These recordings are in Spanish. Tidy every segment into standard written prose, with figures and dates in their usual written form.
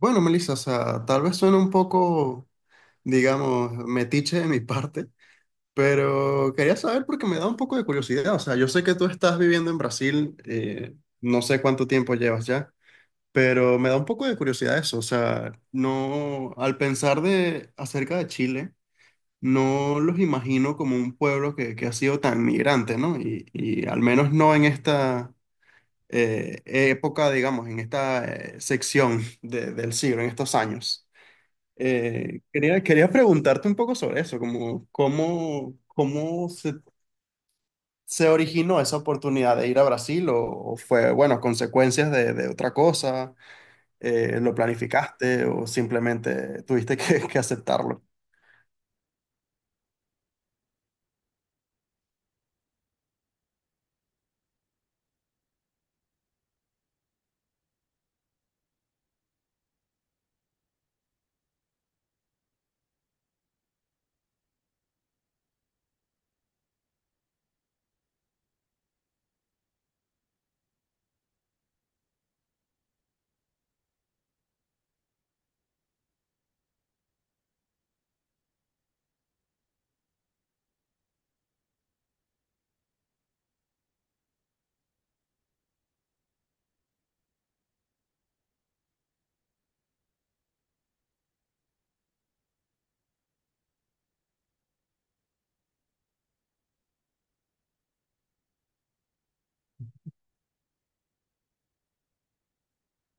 Bueno, Melissa, o sea, tal vez suene un poco, digamos, metiche de mi parte, pero quería saber porque me da un poco de curiosidad. O sea, yo sé que tú estás viviendo en Brasil, no sé cuánto tiempo llevas ya, pero me da un poco de curiosidad eso. O sea, no, al pensar de acerca de Chile, no los imagino como un pueblo que ha sido tan migrante, ¿no? Y al menos no en esta época, digamos, en esta sección del siglo, en estos años. Quería preguntarte un poco sobre eso, como cómo se originó esa oportunidad de ir a Brasil o fue, bueno, consecuencias de otra cosa. Lo planificaste o simplemente tuviste que aceptarlo.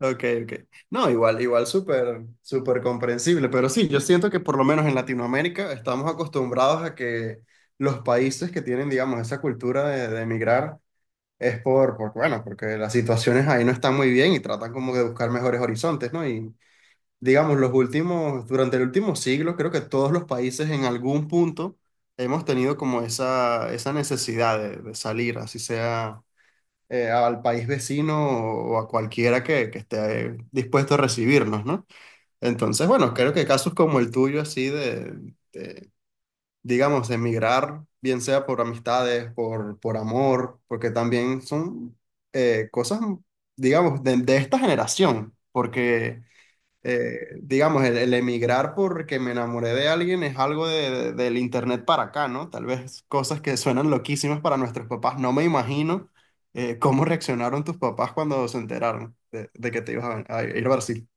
Ok, ok. No, igual, igual súper, súper comprensible, pero sí, yo siento que por lo menos en Latinoamérica estamos acostumbrados a que los países que tienen, digamos, esa cultura de emigrar. Es bueno, porque las situaciones ahí no están muy bien y tratan como de buscar mejores horizontes, ¿no? Y digamos, los últimos, durante el último siglo, creo que todos los países en algún punto hemos tenido como esa necesidad de salir, así sea al país vecino o, a cualquiera que esté dispuesto a recibirnos, ¿no? Entonces, bueno, creo que casos como el tuyo, así de, digamos, emigrar, bien sea por amistades, por amor, porque también son cosas, digamos, de esta generación, porque, digamos, el emigrar porque me enamoré de alguien es algo del internet para acá, ¿no? Tal vez cosas que suenan loquísimas para nuestros papás. No me imagino cómo reaccionaron tus papás cuando se enteraron de que te ibas a ir a Brasil.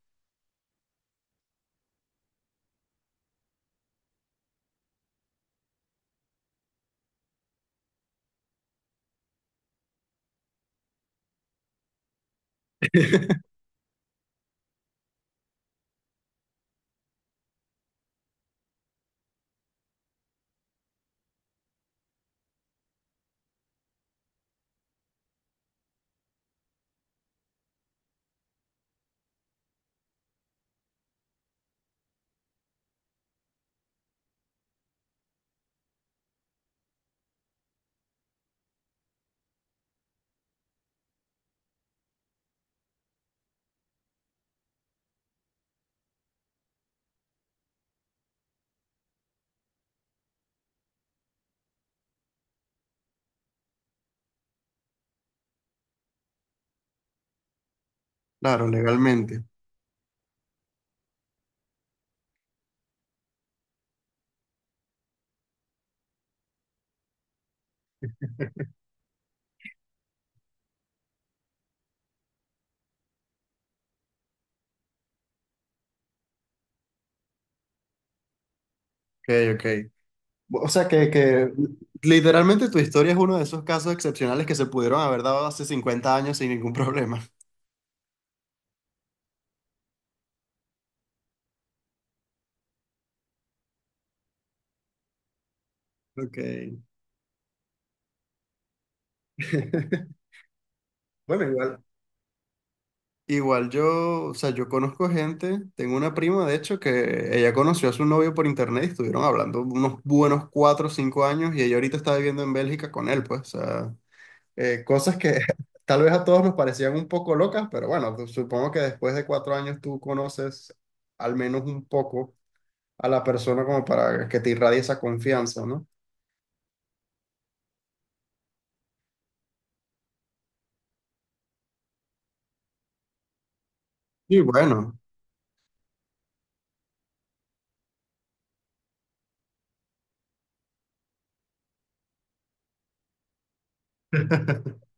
Claro, legalmente. Ok, ok. O sea que literalmente tu historia es uno de esos casos excepcionales que se pudieron haber dado hace 50 años sin ningún problema. Ok. Bueno, igual. Igual yo, o sea, yo conozco gente, tengo una prima de hecho que ella conoció a su novio por internet y estuvieron hablando unos buenos 4 o 5 años y ella ahorita está viviendo en Bélgica con él, pues, o sea, cosas que tal vez a todos nos parecían un poco locas, pero bueno, supongo que después de 4 años tú conoces al menos un poco a la persona como para que te irradie esa confianza, ¿no? Y bueno,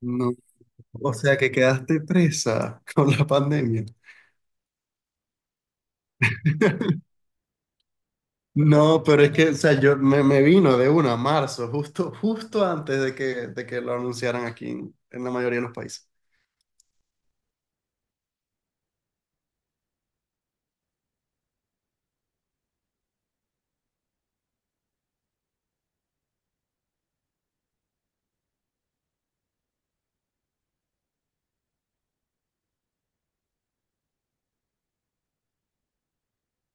no, o sea que quedaste presa con la pandemia. No, pero es que, o sea, me vino de una a marzo, justo, justo antes de que lo anunciaran aquí en la mayoría de los países.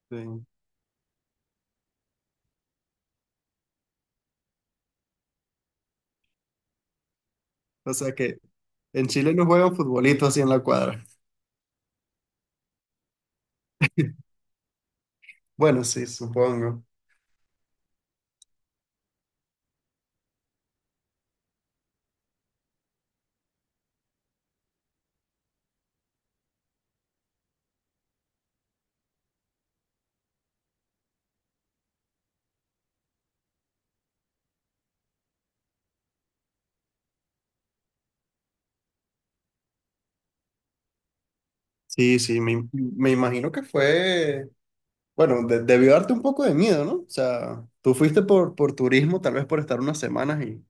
Sí. O sea que en Chile no juegan futbolito así en la cuadra. Bueno, sí, supongo. Sí, sí, me imagino que fue. Bueno, debió darte un poco de miedo, ¿no? O sea, tú fuiste por turismo, tal vez por estar unas semanas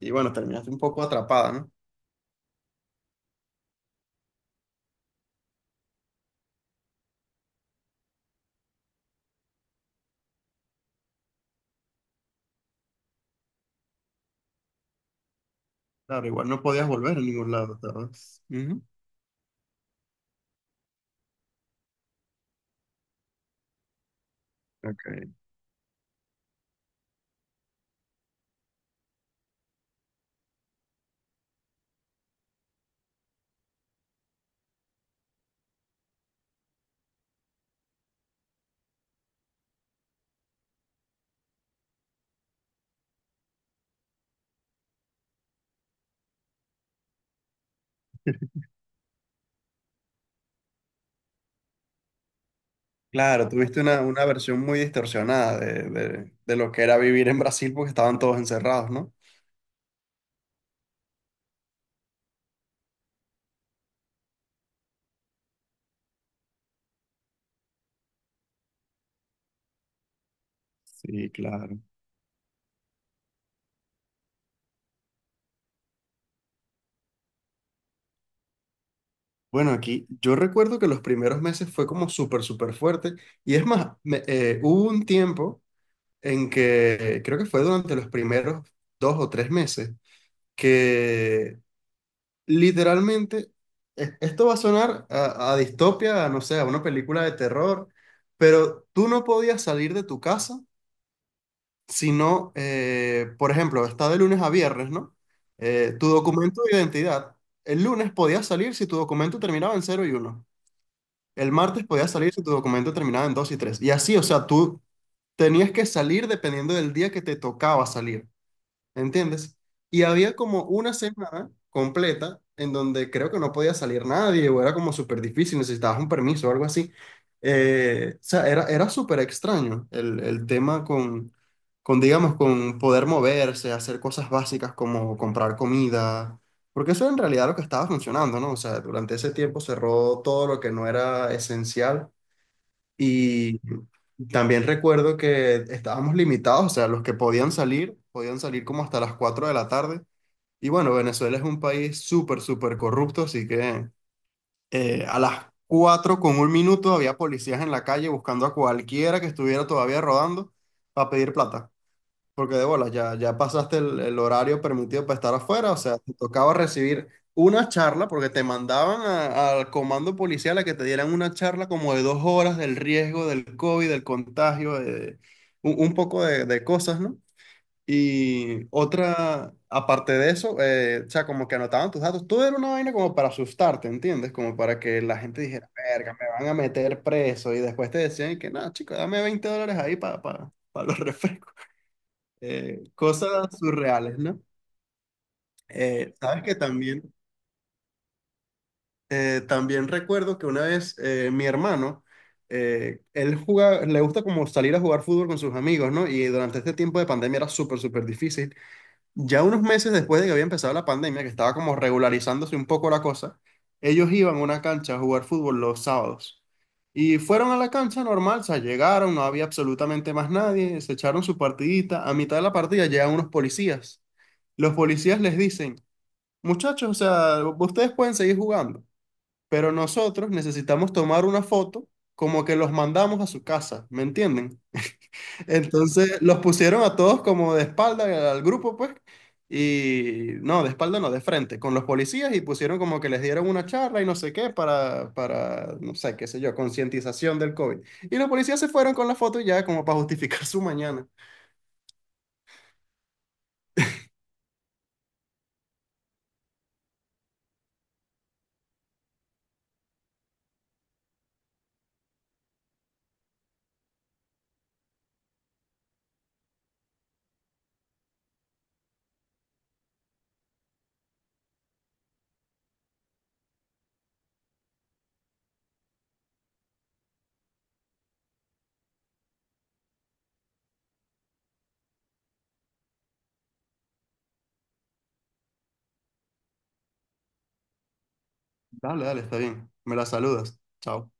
y bueno, terminaste un poco atrapada, ¿no? Claro, igual no podías volver a ningún lado, ¿sabes? Ujú. Ok. Claro, tuviste una versión muy distorsionada de lo que era vivir en Brasil porque estaban todos encerrados, ¿no? Sí, claro. Bueno, aquí yo recuerdo que los primeros meses fue como súper, súper fuerte. Y es más, hubo un tiempo en que creo que fue durante los primeros 2 o 3 meses que literalmente, esto va a sonar a distopia, a, no sé, a una película de terror, pero tú no podías salir de tu casa, sino, por ejemplo, está de lunes a viernes, ¿no? Tu documento de identidad. El lunes podías salir si tu documento terminaba en 0 y 1. El martes podías salir si tu documento terminaba en 2 y 3. Y así, o sea, tú tenías que salir dependiendo del día que te tocaba salir. ¿Entiendes? Y había como una semana completa en donde creo que no podía salir nadie o era como súper difícil, necesitabas un permiso o algo así. O sea, era súper extraño el tema con, digamos, con poder moverse, hacer cosas básicas como comprar comida, porque eso en realidad era lo que estaba funcionando, ¿no? O sea, durante ese tiempo cerró todo lo que no era esencial y también recuerdo que estábamos limitados, o sea, los que podían salir como hasta las 4 de la tarde. Y bueno, Venezuela es un país súper, súper corrupto, así que a las 4 con un minuto había policías en la calle buscando a cualquiera que estuviera todavía rodando para pedir plata. Porque de bolas, ya, ya pasaste el horario permitido para estar afuera, o sea, te tocaba recibir una charla porque te mandaban al comando policial a que te dieran una charla como de 2 horas del riesgo del COVID, del contagio, un poco de cosas, ¿no? Y otra, aparte de eso, o sea, como que anotaban tus datos, todo era una vaina como para asustarte, ¿entiendes? Como para que la gente dijera, verga, me van a meter preso y después te decían que, nada chico, dame $20 ahí para los refrescos. Cosas surreales, ¿no? Sabes que también, también recuerdo que una vez mi hermano, él juega, le gusta como salir a jugar fútbol con sus amigos, ¿no? Y durante este tiempo de pandemia era súper, súper difícil. Ya unos meses después de que había empezado la pandemia, que estaba como regularizándose un poco la cosa, ellos iban a una cancha a jugar fútbol los sábados. Y fueron a la cancha normal, o sea, llegaron, no había absolutamente más nadie, se echaron su partidita. A mitad de la partida llegan unos policías. Los policías les dicen, muchachos, o sea, ustedes pueden seguir jugando, pero nosotros necesitamos tomar una foto como que los mandamos a su casa, ¿me entienden? Entonces los pusieron a todos como de espalda al grupo, pues, y no, de espalda no, de frente, con los policías y pusieron como que les dieron una charla y no sé qué para, no sé, qué sé yo, concientización del COVID. Y los policías se fueron con la foto y ya como para justificar su mañana. Dale, dale, está bien. Me la saludas. Chao.